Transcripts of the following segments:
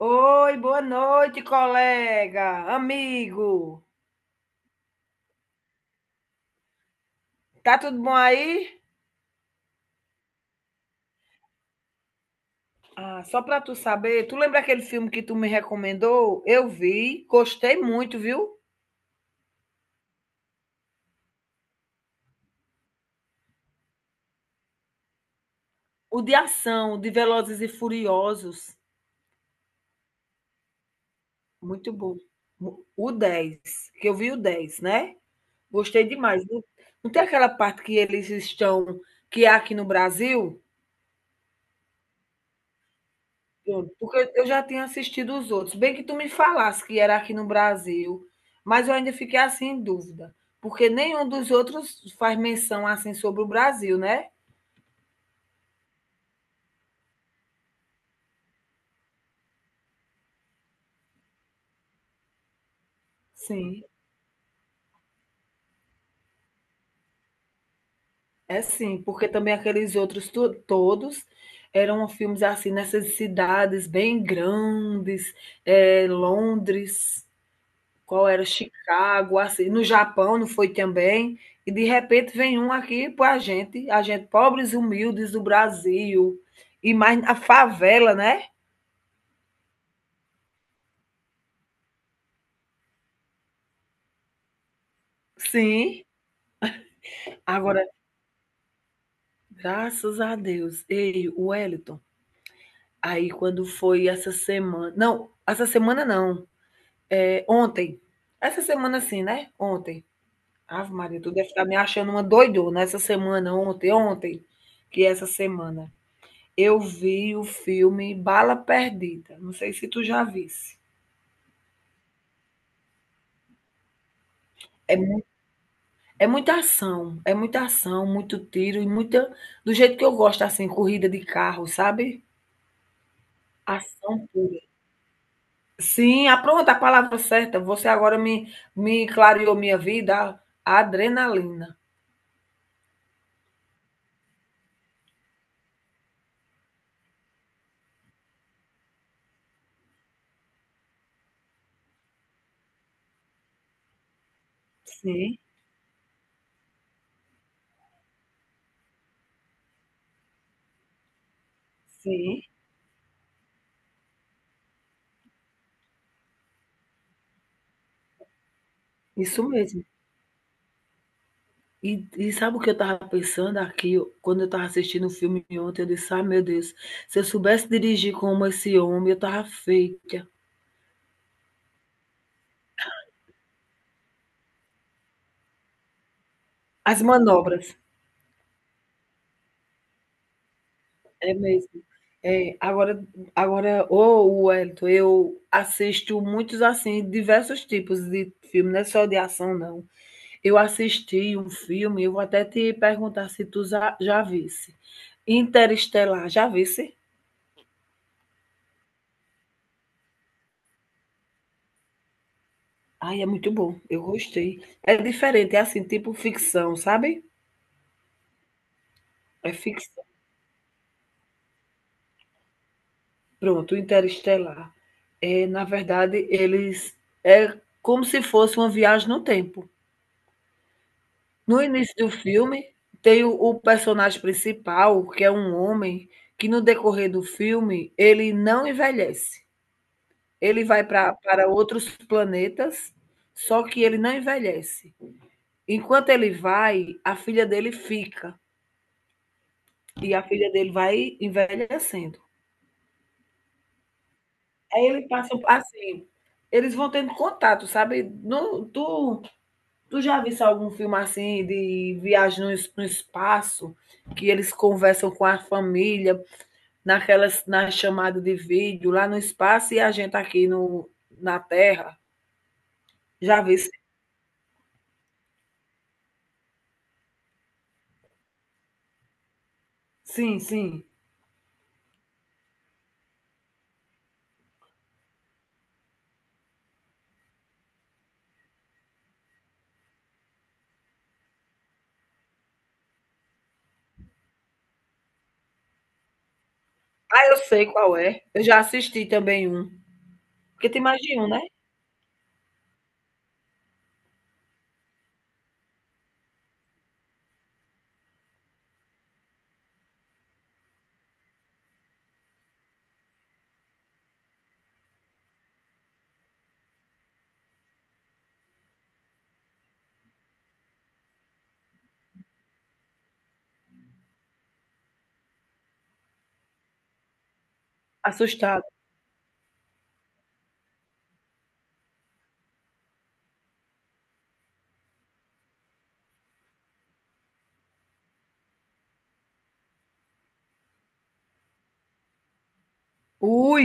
Oi, boa noite, colega, amigo. Tá tudo bom aí? Ah, só para tu saber, tu lembra aquele filme que tu me recomendou? Eu vi, gostei muito, viu? O de ação, de Velozes e Furiosos, muito bom. O 10, que eu vi o 10, né? Gostei demais. Não não tem aquela parte que eles estão, que é aqui no Brasil? Pronto, porque eu já tinha assistido os outros. Bem que tu me falasse que era aqui no Brasil, mas eu ainda fiquei assim em dúvida, porque nenhum dos outros faz menção assim sobre o Brasil, né? Sim, é sim, porque também aqueles outros todos eram filmes assim nessas cidades bem grandes, é Londres. Qual era? Chicago, assim, no Japão não foi também. E de repente vem um aqui para a gente pobres e humildes do Brasil. E mais na favela, né? Sim. Agora, graças a Deus. Ei, o Wellington, aí quando foi essa semana. Não, essa semana não. É, ontem. Essa semana sim, né? Ontem. Ave Maria, tu deve estar me achando uma doidona essa semana, ontem, ontem, que é essa semana. Eu vi o filme Bala Perdida, não sei se tu já visse. É mu é muita ação, muito tiro e muita do jeito que eu gosto, assim, corrida de carro, sabe. Ação pura. Sim, ah, pronto, a palavra certa, você agora me clareou minha vida, a adrenalina. Sim, sim, isso mesmo. E sabe o que eu estava pensando aqui, quando eu estava assistindo o filme ontem, eu disse: ah meu Deus, se eu soubesse dirigir como esse homem, eu estava feita". As manobras, é mesmo. É, agora, agora, ô Wellington, eu assisto muitos assim, diversos tipos de filme, não é só de ação, não. Eu assisti um filme, eu vou até te perguntar se tu já, já visse. Interestelar, já visse? Ai, é muito bom, eu gostei. É diferente, é assim, tipo ficção, sabe? É ficção. Pronto, Interestelar. É, na verdade, eles. É como se fosse uma viagem no tempo. No início do filme, tem o personagem principal, que é um homem, que no decorrer do filme, ele não envelhece. Ele vai pra para outros planetas, só que ele não envelhece. Enquanto ele vai, a filha dele fica, e a filha dele vai envelhecendo. Aí ele passa assim, eles vão tendo contato, sabe. No tu tu já visse algum filme assim de viagem no espaço, que eles conversam com a família naquelas na chamada de vídeo lá no espaço e a gente aqui no, na Terra. Já vi. Sim, sim. Ah, eu sei qual é. Eu já assisti também um. Porque tem mais de um, né? Assustado. Ui!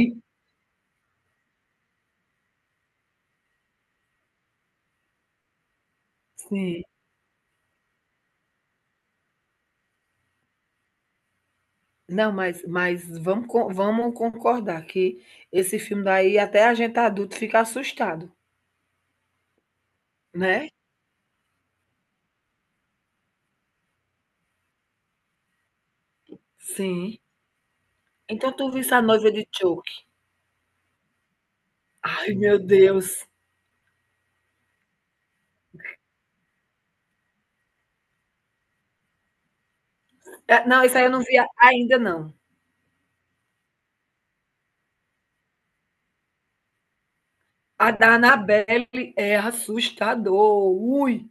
Sim. Não, mas vamos, vamos concordar que esse filme daí, até a gente adulto fica assustado, né? Sim. Então tu viste A Noiva de Choke. Ai, meu Deus. É, não, isso aí eu não vi ainda não. A da Anabelle é assustador. Ui,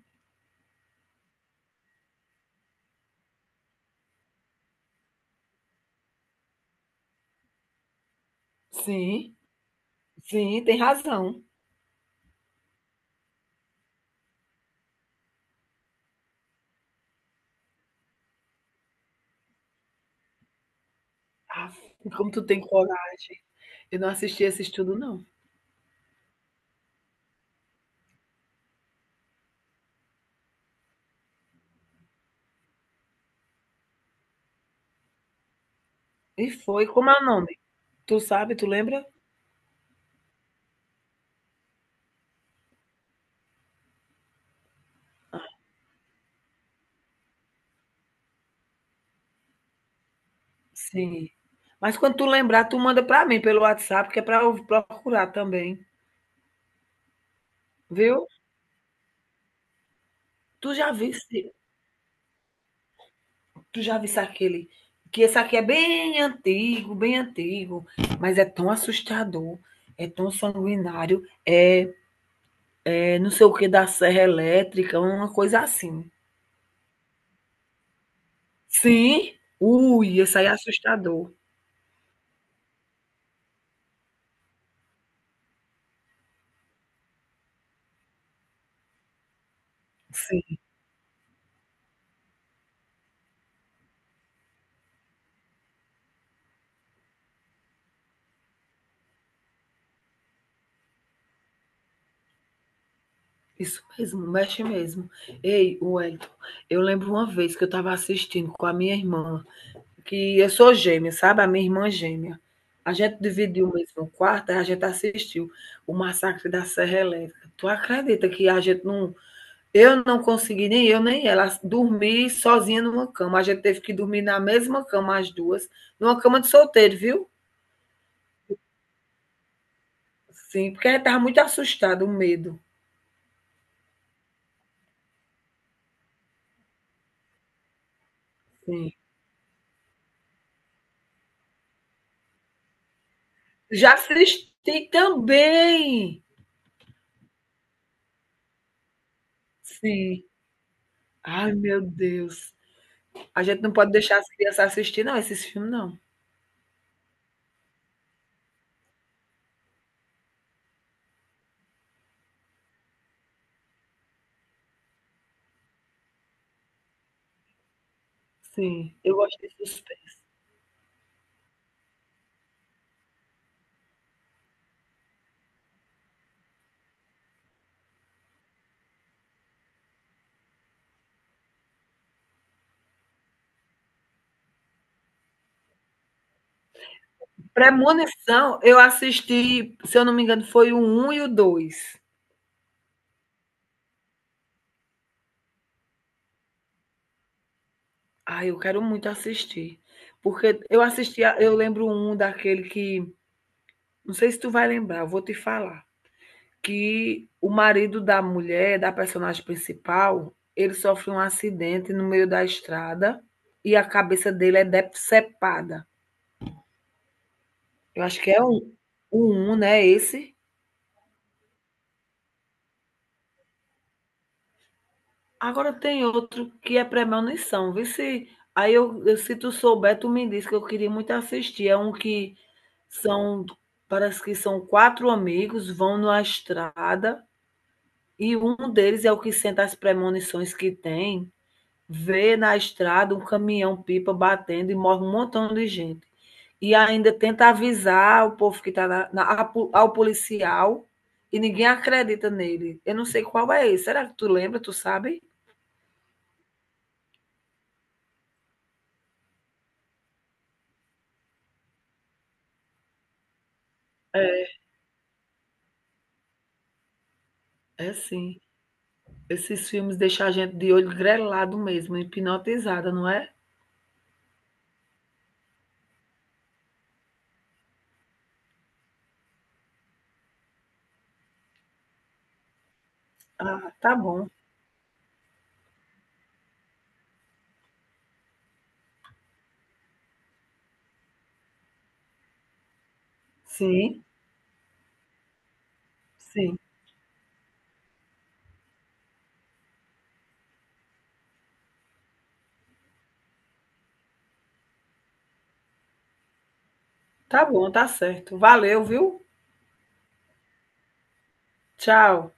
sim, sim, tem razão. Ah, como tu tem coragem. Eu não assisti esse estudo, não. E foi, como é o nome? Tu sabe, tu lembra? Sim. Mas quando tu lembrar, tu manda para mim pelo WhatsApp, que é para eu procurar também, viu? Tu já viste? Tu já viste aquele, que esse aqui é bem antigo, mas é tão assustador, é tão sanguinário, é é não sei o que da serra elétrica, uma coisa assim. Sim? Ui, isso aí é assustador. Sim, isso mesmo, mexe mesmo. Ei, Wellington, eu lembro uma vez que eu estava assistindo com a minha irmã, que eu sou gêmea, sabe? A minha irmã gêmea. A gente dividiu o mesmo quarto, aí a gente assistiu o Massacre da Serra Elétrica. Tu acredita que a gente não. Eu não consegui, nem eu, nem ela, dormir sozinha numa cama. A gente teve que dormir na mesma cama, as duas, numa cama de solteiro, viu? Sim, porque ele estava muito assustado, o medo. Sim. Já assisti também. Sim. Ai, meu Deus. A gente não pode deixar as crianças assistir, não, esses filmes, não. Sim, eu gosto de suspense. Premonição, eu assisti, se eu não me engano, foi o um e o dois. Ai, eu quero muito assistir. Porque eu assisti, eu lembro um daquele que. Não sei se tu vai lembrar, eu vou te falar. Que o marido da mulher, da personagem principal, ele sofre um acidente no meio da estrada e a cabeça dele é decepada. Eu acho que é o 1, né, esse. Agora tem outro que é Premonição, vê se aí eu se tu souber, tu me diz que eu queria muito assistir, é um que são parece que são 4 amigos, vão numa estrada e um deles é o que senta as premonições que tem. Vê na estrada um caminhão-pipa batendo e morre um montão de gente. E ainda tenta avisar o povo que está policial e ninguém acredita nele. Eu não sei qual é esse. Será que tu lembra? Tu sabe? É é sim. Esses filmes deixam a gente de olho grelado mesmo, hipnotizada, não é? Ah, tá bom. Sim, sim. Tá bom, tá certo. Valeu, viu? Tchau.